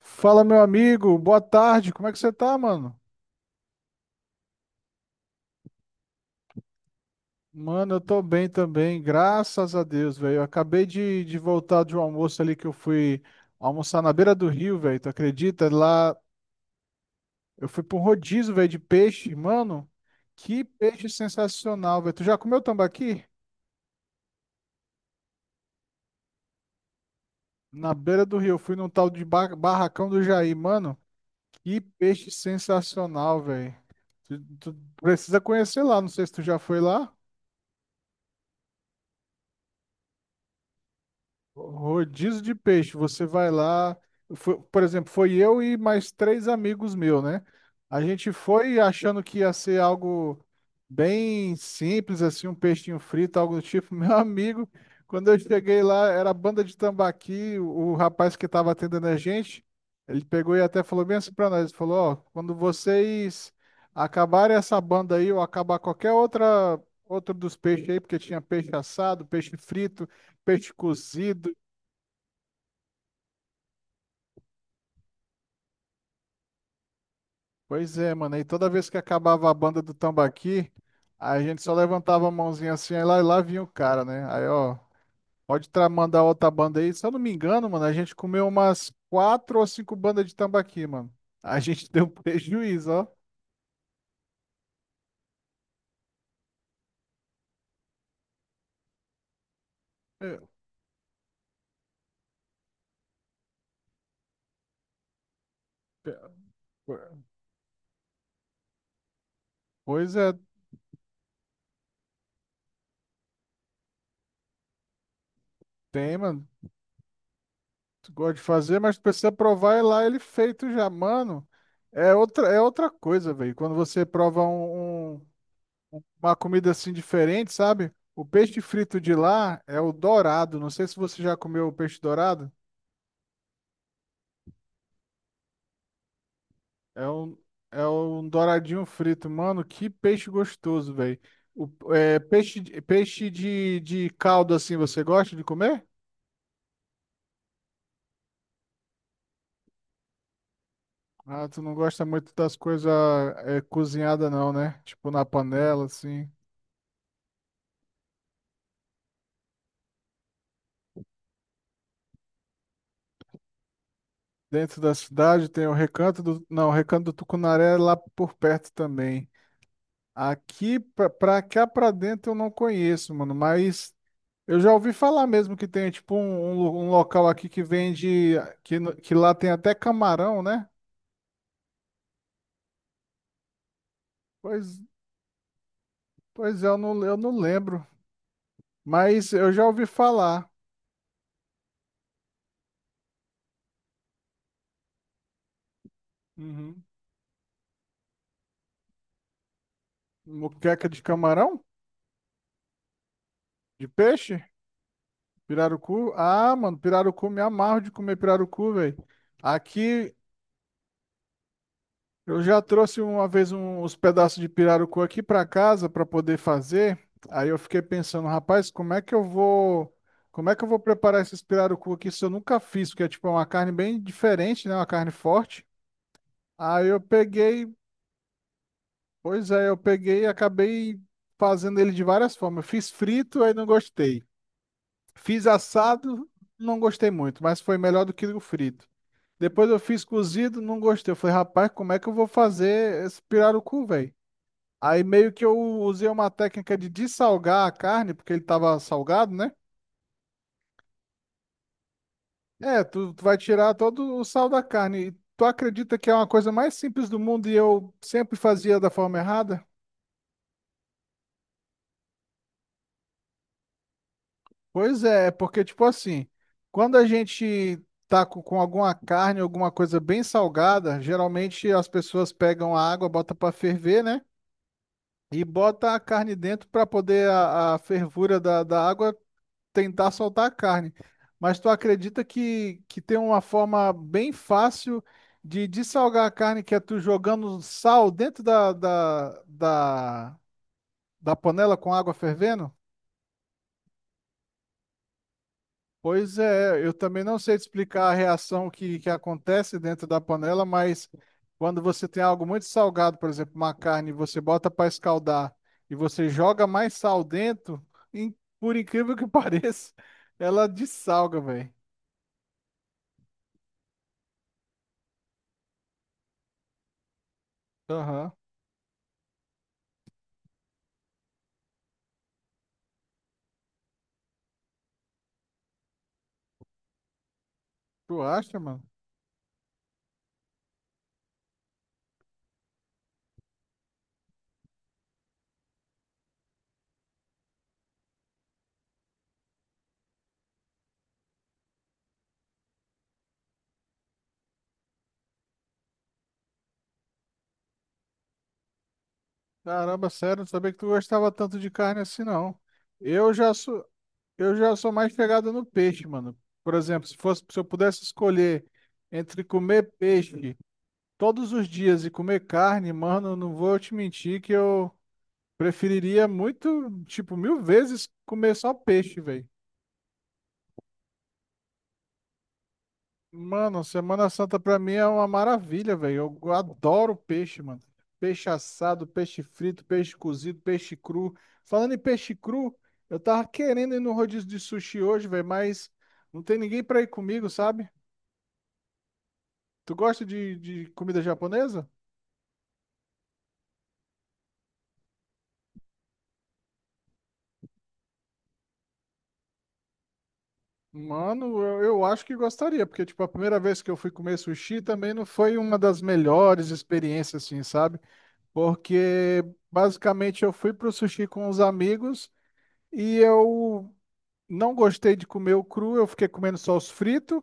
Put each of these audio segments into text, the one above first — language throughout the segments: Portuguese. Fala, meu amigo, boa tarde, como é que você tá, mano? Mano, eu tô bem também, graças a Deus, velho. Eu acabei de voltar de um almoço ali que eu fui almoçar na beira do rio, velho, tu acredita? Lá eu fui pra um rodízio, velho, de peixe, mano, que peixe sensacional, velho. Tu já comeu tambaqui? Na beira do rio, eu fui num tal de Barracão do Jair, mano, que peixe sensacional, velho. Tu precisa conhecer lá, não sei se tu já foi lá. Rodízio de peixe, você vai lá, por exemplo, foi eu e mais três amigos meus, né? A gente foi achando que ia ser algo bem simples, assim, um peixinho frito, algo do tipo. Meu amigo, quando eu cheguei lá, era a banda de tambaqui, o rapaz que estava atendendo a gente, ele pegou e até falou bem assim pra nós, ele falou, ó, quando vocês acabarem essa banda aí, ou acabar qualquer outro dos peixes aí, porque tinha peixe assado, peixe frito, peixe cozido. Pois é, mano. E toda vez que acabava a banda do tambaqui, a gente só levantava a mãozinha assim, aí lá, lá vinha o cara, né? Aí, ó, pode mandar outra banda aí. Se eu não me engano, mano, a gente comeu umas quatro ou cinco bandas de tambaqui, mano. A gente deu prejuízo, ó. É, pe- Pois é, tem, mano. Tu gosta de fazer, mas tu precisa provar e lá ele feito já, mano. É outra coisa, velho. Quando você prova uma comida assim diferente, sabe? O peixe frito de lá é o dourado. Não sei se você já comeu o peixe dourado. É um, é um douradinho frito. Mano, que peixe gostoso, velho. O é, peixe, de- Peixe de caldo assim, você gosta de comer? Ah, tu não gosta muito das coisas cozinhadas não, né? Tipo na panela, assim. Dentro da cidade tem o Recanto do... Não, o Recanto do Tucunaré é lá por perto também. Aqui, pra cá pra dentro eu não conheço, mano, mas eu já ouvi falar mesmo que tem tipo um local aqui que vende, que, no- que lá tem até camarão, né? Pois, pois é, eu não lembro. Mas eu já ouvi falar. Uhum. Moqueca de camarão? De peixe? Pirarucu? Ah, mano, pirarucu, me amarro de comer pirarucu, velho. Aqui eu já trouxe uma vez uns pedaços de pirarucu aqui para casa para poder fazer. Aí eu fiquei pensando, rapaz, como é que eu vou preparar esses pirarucu aqui se eu nunca fiz, porque é tipo é uma carne bem diferente, né? Uma carne forte. Aí eu peguei, pois é, eu peguei e acabei fazendo ele de várias formas. Eu fiz frito, aí não gostei. Fiz assado, não gostei muito, mas foi melhor do que o frito. Depois eu fiz cozido, não gostei. Eu falei, rapaz, como é que eu vou fazer esse pirarucu, velho? Aí meio que eu usei uma técnica de dessalgar a carne, porque ele tava salgado, né? É, tu vai tirar todo o sal da carne. E tu acredita que é uma coisa mais simples do mundo e eu sempre fazia da forma errada? Pois é, é porque tipo assim, quando a gente tá com alguma carne, alguma coisa bem salgada, geralmente as pessoas pegam a água, botam para ferver, né? E bota a carne dentro para poder a fervura da água tentar soltar a carne. Mas tu acredita que tem uma forma bem fácil de dessalgar a carne, que é tu jogando sal dentro da panela com água fervendo? Pois é, eu também não sei te explicar a reação que acontece dentro da panela, mas quando você tem algo muito salgado, por exemplo, uma carne, você bota para escaldar e você joga mais sal dentro, in- por incrível que pareça, ela dessalga, velho. Aham. Tu acha, mano? Caramba, sério, não sabia que tu gostava tanto de carne assim, não. Eu já sou, eu já sou mais chegado no peixe, mano. Por exemplo, se eu pudesse escolher entre comer peixe todos os dias e comer carne, mano, não vou te mentir que eu preferiria muito, tipo, mil vezes comer só peixe, velho. Mano, Semana Santa pra mim é uma maravilha, velho. Eu adoro peixe, mano. Peixe assado, peixe frito, peixe cozido, peixe cru. Falando em peixe cru, eu tava querendo ir no rodízio de sushi hoje, velho, mas não tem ninguém pra ir comigo, sabe? Tu gosta de comida japonesa? Mano, eu acho que gostaria, porque, tipo, a primeira vez que eu fui comer sushi também não foi uma das melhores experiências, assim, sabe? Porque, basicamente, eu fui pro sushi com os amigos e eu não gostei de comer o cru, eu fiquei comendo só os fritos.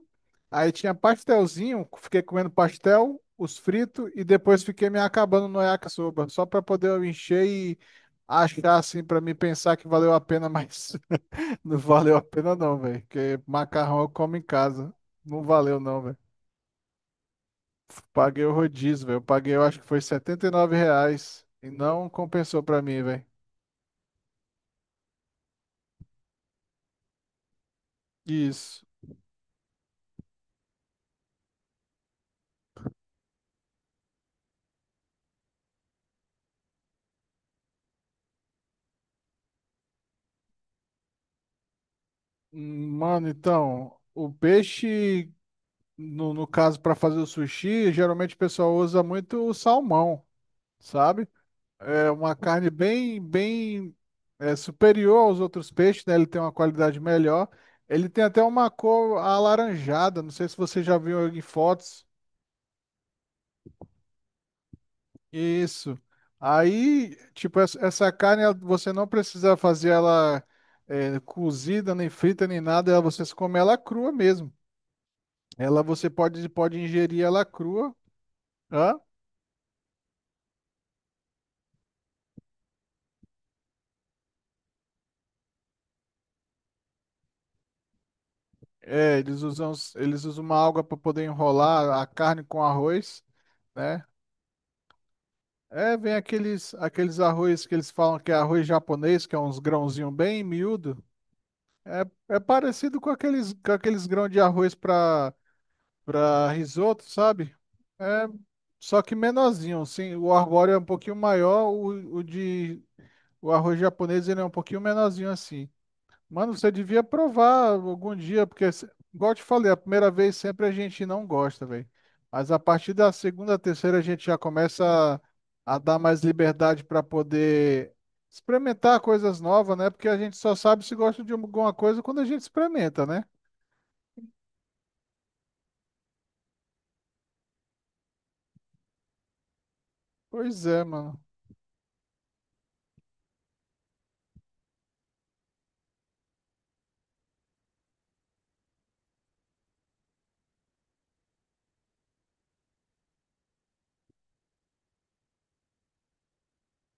Aí tinha pastelzinho, fiquei comendo pastel, os fritos e depois fiquei me acabando no yakisoba, só para poder eu encher e achar assim para mim pensar que valeu a pena, mas não valeu a pena não, velho, porque macarrão eu como em casa. Não valeu não, velho. Paguei o rodízio, velho. Eu paguei, eu acho que foi R$ 79 e não compensou para mim, velho. Isso. Mano, então, o peixe no caso, para fazer o sushi, geralmente o pessoal usa muito o salmão, sabe? É uma carne superior aos outros peixes, né? Ele tem uma qualidade melhor. Ele tem até uma cor alaranjada, não sei se você já viu em fotos. Isso. Aí, tipo, essa carne você não precisa fazer ela cozida, nem frita, nem nada. Ela, você come ela crua mesmo. Ela você pode, pode ingerir ela crua. Hã? É, eles usam, eles usam uma alga para poder enrolar a carne com arroz, né? É, vem aqueles, aqueles arroz que eles falam que é arroz japonês, que é uns grãozinhos bem miúdo. É parecido com aqueles grãos de arroz para risoto, sabe? É, só que menorzinho, sim. O arbóreo é um pouquinho maior, o arroz japonês ele é um pouquinho menorzinho assim. Mano, você devia provar algum dia, porque, igual eu te falei, a primeira vez sempre a gente não gosta, velho. Mas a partir da segunda, terceira, a gente já começa a dar mais liberdade para poder experimentar coisas novas, né? Porque a gente só sabe se gosta de alguma coisa quando a gente experimenta, né? Pois é, mano.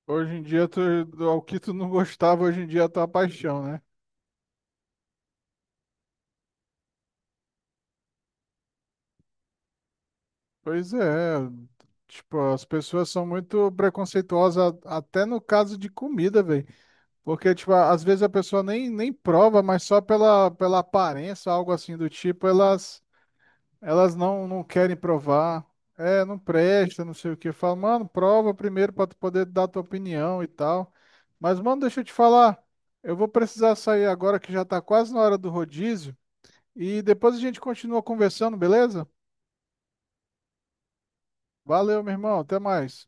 Hoje em dia, tu, ao que tu não gostava, hoje em dia é a tua paixão, né? Pois é. Tipo, as pessoas são muito preconceituosas, até no caso de comida, velho. Porque, tipo, às vezes a pessoa nem prova, mas só pela aparência, algo assim do tipo, elas não querem provar. É, não presta, não sei o que. Fala, mano, prova primeiro pra tu poder dar tua opinião e tal. Mas, mano, deixa eu te falar. Eu vou precisar sair agora que já tá quase na hora do rodízio. E depois a gente continua conversando, beleza? Valeu, meu irmão. Até mais.